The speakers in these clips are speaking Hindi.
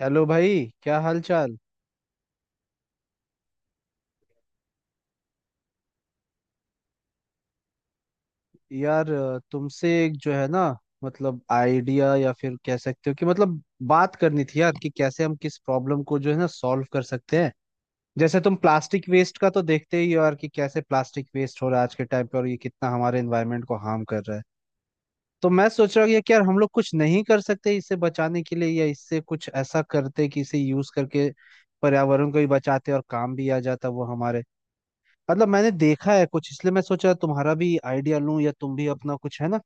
हेलो भाई। क्या हाल चाल। यार तुमसे एक जो है ना, मतलब आइडिया या फिर कह सकते हो कि मतलब बात करनी थी यार, कि कैसे हम किस प्रॉब्लम को जो है ना सॉल्व कर सकते हैं। जैसे तुम प्लास्टिक वेस्ट का तो देखते ही हो यार कि कैसे प्लास्टिक वेस्ट हो रहा है आज के टाइम पे, और ये कितना हमारे एनवायरनमेंट को हार्म कर रहा है। तो मैं सोच रहा हूँ कि यार हम लोग कुछ नहीं कर सकते इससे बचाने के लिए, या इससे कुछ ऐसा करते कि इसे यूज करके पर्यावरण को भी बचाते और काम भी आ जाता वो हमारे। मतलब मैंने देखा है कुछ, इसलिए मैं सोचा तुम्हारा भी आइडिया लूं, या तुम भी अपना कुछ है ना,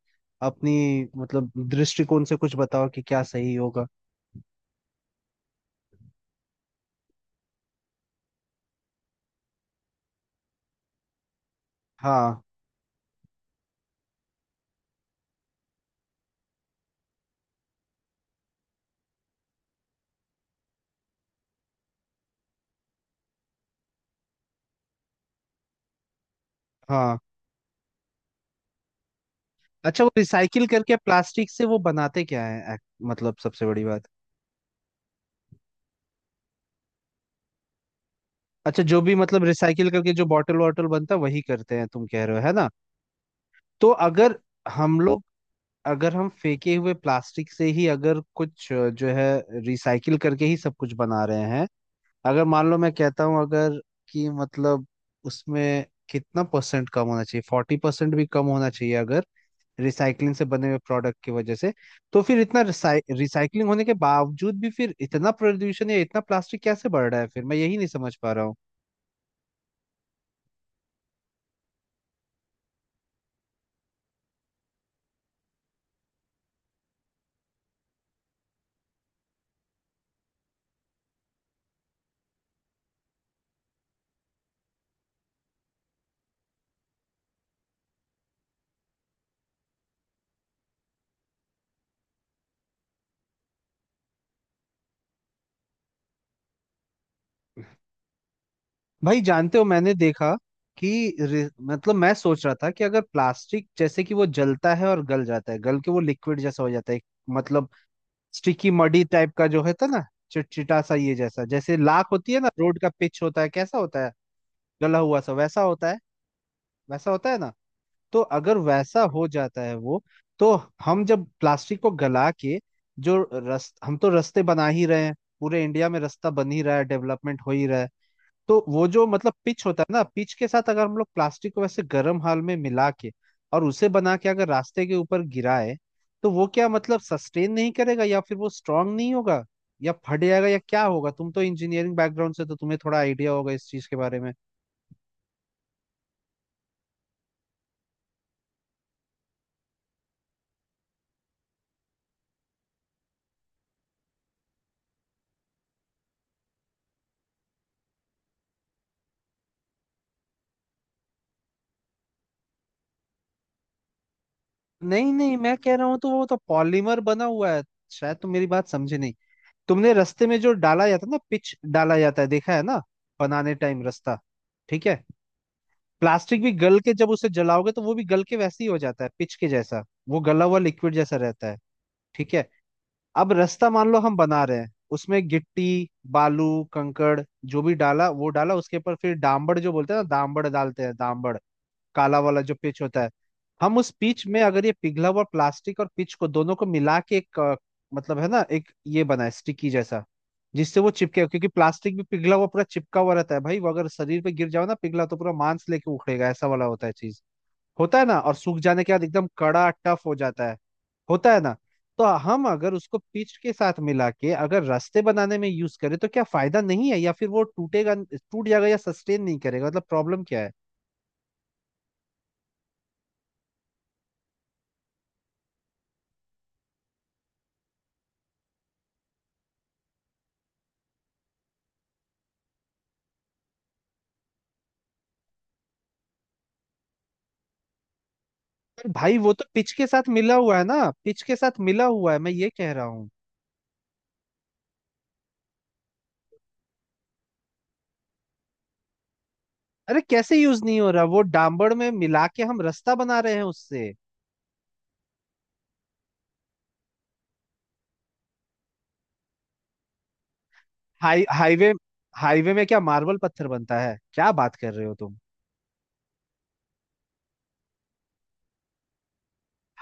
अपनी मतलब दृष्टिकोण से कुछ बताओ कि क्या सही होगा। हाँ, हाँ। अच्छा वो रिसाइकिल करके प्लास्टिक से वो बनाते क्या है मतलब सबसे बड़ी बात। अच्छा जो भी मतलब रिसाइकिल करके जो बॉटल वॉटल बनता है वही करते हैं तुम कह रहे हो है ना। तो अगर हम लोग, अगर हम फेंके हुए प्लास्टिक से ही अगर कुछ जो है रिसाइकिल करके ही सब कुछ बना रहे हैं, अगर मान लो मैं कहता हूँ अगर कि मतलब उसमें कितना परसेंट कम होना चाहिए, 40% भी कम होना चाहिए अगर रिसाइकलिंग से बने हुए प्रोडक्ट की वजह से, तो फिर इतना रिसाइकलिंग होने के बावजूद भी फिर इतना प्रदूषण या इतना प्लास्टिक कैसे बढ़ रहा है, फिर मैं यही नहीं समझ पा रहा हूँ। भाई जानते हो मैंने देखा कि मतलब मैं सोच रहा था कि अगर प्लास्टिक जैसे कि वो जलता है और गल जाता है, गल के वो लिक्विड जैसा हो जाता है, मतलब स्टिकी मडी टाइप का जो होता है ना, चिटचिटा सा, ये जैसा जैसे लाख होती है ना, रोड का पिच होता है कैसा होता है, गला हुआ सा वैसा होता है, वैसा होता है ना। तो अगर वैसा हो जाता है वो, तो हम जब प्लास्टिक को गला के जो रस, हम तो रास्ते बना ही रहे हैं, पूरे इंडिया में रास्ता बन ही रहा है, डेवलपमेंट हो ही रहा है। तो वो जो मतलब पिच होता है ना, पिच के साथ अगर हम लोग प्लास्टिक को वैसे गर्म हाल में मिला के और उसे बना के अगर रास्ते के ऊपर गिराए, तो वो क्या मतलब सस्टेन नहीं करेगा या फिर वो स्ट्रांग नहीं होगा, या फट जाएगा या क्या होगा। तुम तो इंजीनियरिंग बैकग्राउंड से तो तुम्हें थोड़ा आइडिया होगा इस चीज के बारे में। नहीं नहीं, मैं कह रहा हूँ तो वो तो पॉलीमर बना हुआ है, शायद तुम मेरी बात समझे नहीं। तुमने रास्ते में जो डाला जाता है ना पिच, डाला जाता है देखा है ना, बनाने टाइम रास्ता, ठीक है। प्लास्टिक भी गल के जब उसे जलाओगे तो वो भी गल के वैसे ही हो जाता है पिच के जैसा, वो गला हुआ लिक्विड जैसा रहता है। ठीक है, अब रास्ता मान लो हम बना रहे हैं, उसमें गिट्टी, बालू, कंकड़ जो भी डाला वो डाला, उसके ऊपर फिर डांबड़ जो बोलते हैं ना, डांबड़ डालते हैं डांबड़, काला वाला जो पिच होता है। हम उस पिच में अगर ये पिघला हुआ प्लास्टिक और पिच को दोनों को मिला के एक मतलब है ना एक, ये बनाए स्टिकी जैसा, जिससे वो चिपके, क्योंकि प्लास्टिक भी पिघला हुआ पूरा चिपका हुआ रहता है भाई। वो अगर शरीर पे गिर जाओ ना पिघला, तो पूरा मांस लेके उखड़ेगा, ऐसा वाला होता है चीज, होता है ना, और सूख जाने के बाद एकदम कड़ा टफ हो जाता है, होता है ना। तो हम अगर उसको पिच के साथ मिला के अगर रास्ते बनाने में यूज करें, तो क्या फायदा नहीं है या फिर वो टूटेगा, टूट जाएगा, या सस्टेन नहीं करेगा, मतलब प्रॉब्लम क्या है। अरे भाई वो तो पिच के साथ मिला हुआ है ना, पिच के साथ मिला हुआ है मैं ये कह रहा हूँ। अरे कैसे यूज नहीं हो रहा, वो डामबड़ में मिला के हम रास्ता बना रहे हैं उससे। हाईवे, हाईवे में क्या मार्बल पत्थर बनता है, क्या बात कर रहे हो तुम।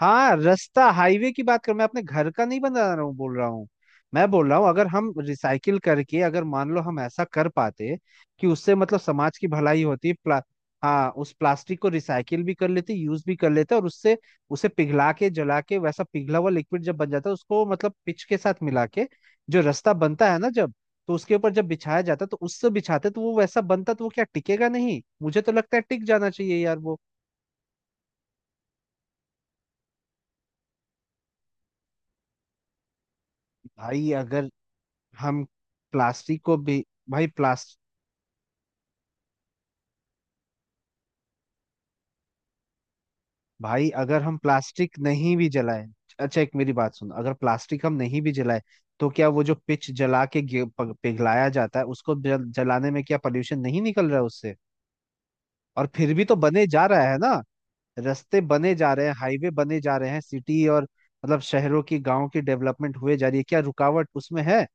हाँ, रास्ता हाईवे की बात कर, मैं अपने घर का नहीं बना रहा हूँ बोल रहा हूँ। मैं बोल रहा हूँ अगर हम रिसाइकिल करके अगर मान लो हम ऐसा कर पाते कि उससे मतलब समाज की भलाई होती हाँ उस प्लास्टिक को रिसाइकिल भी कर लेते, यूज भी कर लेते, और उससे उसे पिघला के जला के वैसा पिघला हुआ लिक्विड जब बन जाता है उसको मतलब पिच के साथ मिला के जो रास्ता बनता है ना जब, तो उसके ऊपर जब बिछाया जाता, तो उससे बिछाते तो वो वैसा बनता, तो वो क्या टिकेगा नहीं, मुझे तो लगता है टिक जाना चाहिए यार वो। भाई अगर हम प्लास्टिक को भी भाई प्लास्ट भाई अगर हम प्लास्टिक नहीं भी जलाए, अच्छा एक मेरी बात सुनो, अगर प्लास्टिक हम नहीं भी जलाए, तो क्या वो जो पिच जला के पिघलाया जाता है उसको जलाने में क्या पोल्यूशन नहीं निकल रहा है उससे, और फिर भी तो बने जा रहा है ना, रास्ते बने जा रहे हैं, हाईवे बने जा रहे हैं, सिटी और, मतलब शहरों की गांव की डेवलपमेंट हुए जा रही है, क्या रुकावट उसमें है।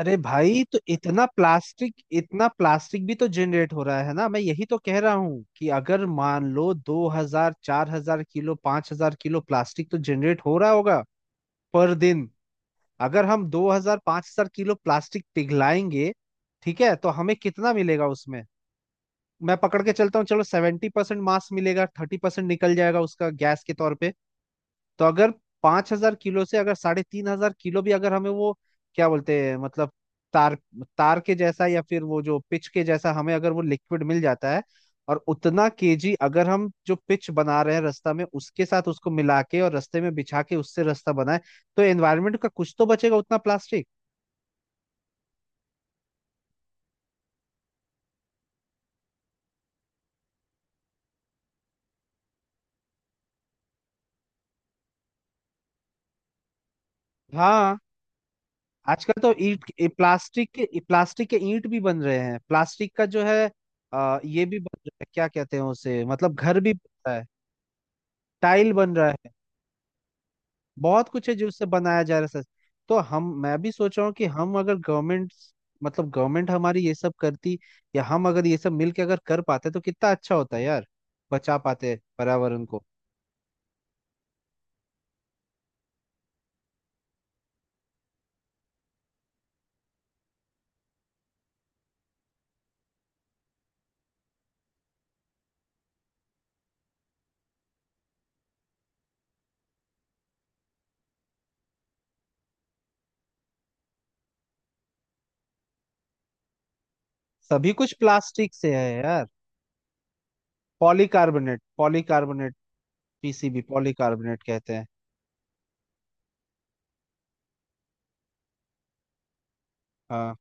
अरे भाई तो इतना प्लास्टिक भी तो जनरेट हो रहा है ना, मैं यही तो कह रहा हूँ कि अगर मान लो 2000, 4000, 5000 किलो प्लास्टिक तो जनरेट हो रहा होगा पर दिन। अगर हम 2000, 5000 किलो प्लास्टिक पिघलाएंगे, ठीक है, तो हमें कितना मिलेगा उसमें, मैं पकड़ के चलता हूँ चलो, 70% मास मिलेगा, 30% निकल जाएगा उसका गैस के तौर पे। तो अगर 5000 किलो से अगर 3500 किलो भी अगर हमें वो क्या बोलते हैं मतलब तार, तार के जैसा या फिर वो जो पिच के जैसा हमें अगर वो लिक्विड मिल जाता है, और उतना केजी अगर हम जो पिच बना रहे हैं रास्ता में उसके साथ उसको मिला के और रास्ते में बिछा के उससे रास्ता बनाए, तो एनवायरनमेंट का कुछ तो बचेगा उतना प्लास्टिक। हाँ, आजकल तो ईंट प्लास्टिक के प्लास्टिक के ईंट भी बन रहे हैं, प्लास्टिक का जो है ये भी बन रहा है, क्या कहते हैं उसे, मतलब घर भी बन रहा है, टाइल बन रहा है। बहुत कुछ है जो उससे बनाया जा रहा है, सच। तो हम मैं भी सोच रहा हूँ कि हम अगर गवर्नमेंट, मतलब गवर्नमेंट हमारी ये सब करती, या हम अगर ये सब मिलके अगर कर पाते तो कितना अच्छा होता है यार, बचा पाते पर्यावरण को। सभी कुछ प्लास्टिक से है यार, पॉलीकार्बोनेट पॉलीकार्बोनेट, पीसीबी पॉलीकार्बोनेट कहते हैं। हाँ,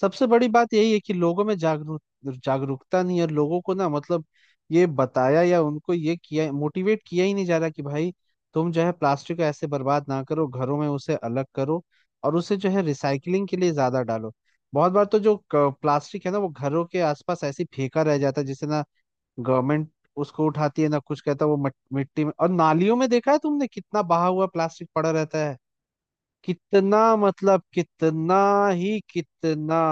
सबसे बड़ी बात यही है कि लोगों में जागरूक, जागरूकता नहीं है लोगों को ना, मतलब ये बताया या उनको ये किया, मोटिवेट किया ही नहीं जा रहा कि भाई तुम जो है प्लास्टिक को ऐसे बर्बाद ना करो, घरों में उसे अलग करो और उसे जो है रिसाइकलिंग के लिए ज्यादा डालो। बहुत बार तो जो प्लास्टिक है ना वो घरों के आसपास ऐसे ही फेंका रह जाता है, जिसे ना गवर्नमेंट उसको उठाती है ना कुछ कहता है, वो मिट्टी में और नालियों में देखा है तुमने कितना बहा हुआ प्लास्टिक पड़ा रहता है। कितना मतलब कितना ही कितना।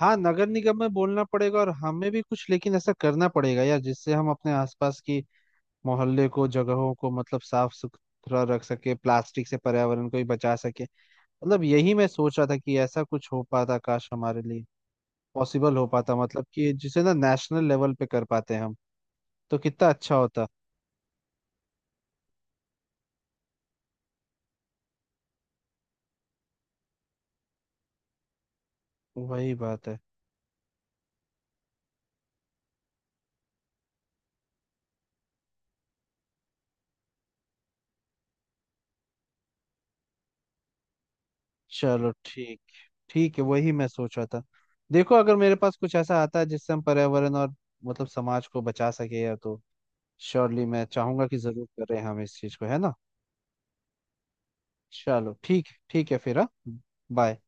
हाँ, नगर निगम में बोलना पड़ेगा, और हमें भी कुछ लेकिन ऐसा करना पड़ेगा यार, जिससे हम अपने आसपास की मोहल्ले को, जगहों को मतलब साफ सुथरा रख सके, प्लास्टिक से पर्यावरण को भी बचा सके। मतलब यही मैं सोच रहा था कि ऐसा कुछ हो पाता, काश हमारे लिए पॉसिबल हो पाता, मतलब कि जिसे ना नेशनल लेवल पे कर पाते हम, तो कितना अच्छा होता। वही बात है। चलो ठीक, ठीक है, वही मैं सोच रहा था। देखो अगर मेरे पास कुछ ऐसा आता है जिससे हम पर्यावरण और मतलब समाज को बचा सके या तो, श्योरली मैं चाहूंगा कि जरूर करें हम इस चीज को, है ना। चलो ठीक, ठीक है फिर, हाँ, बाय।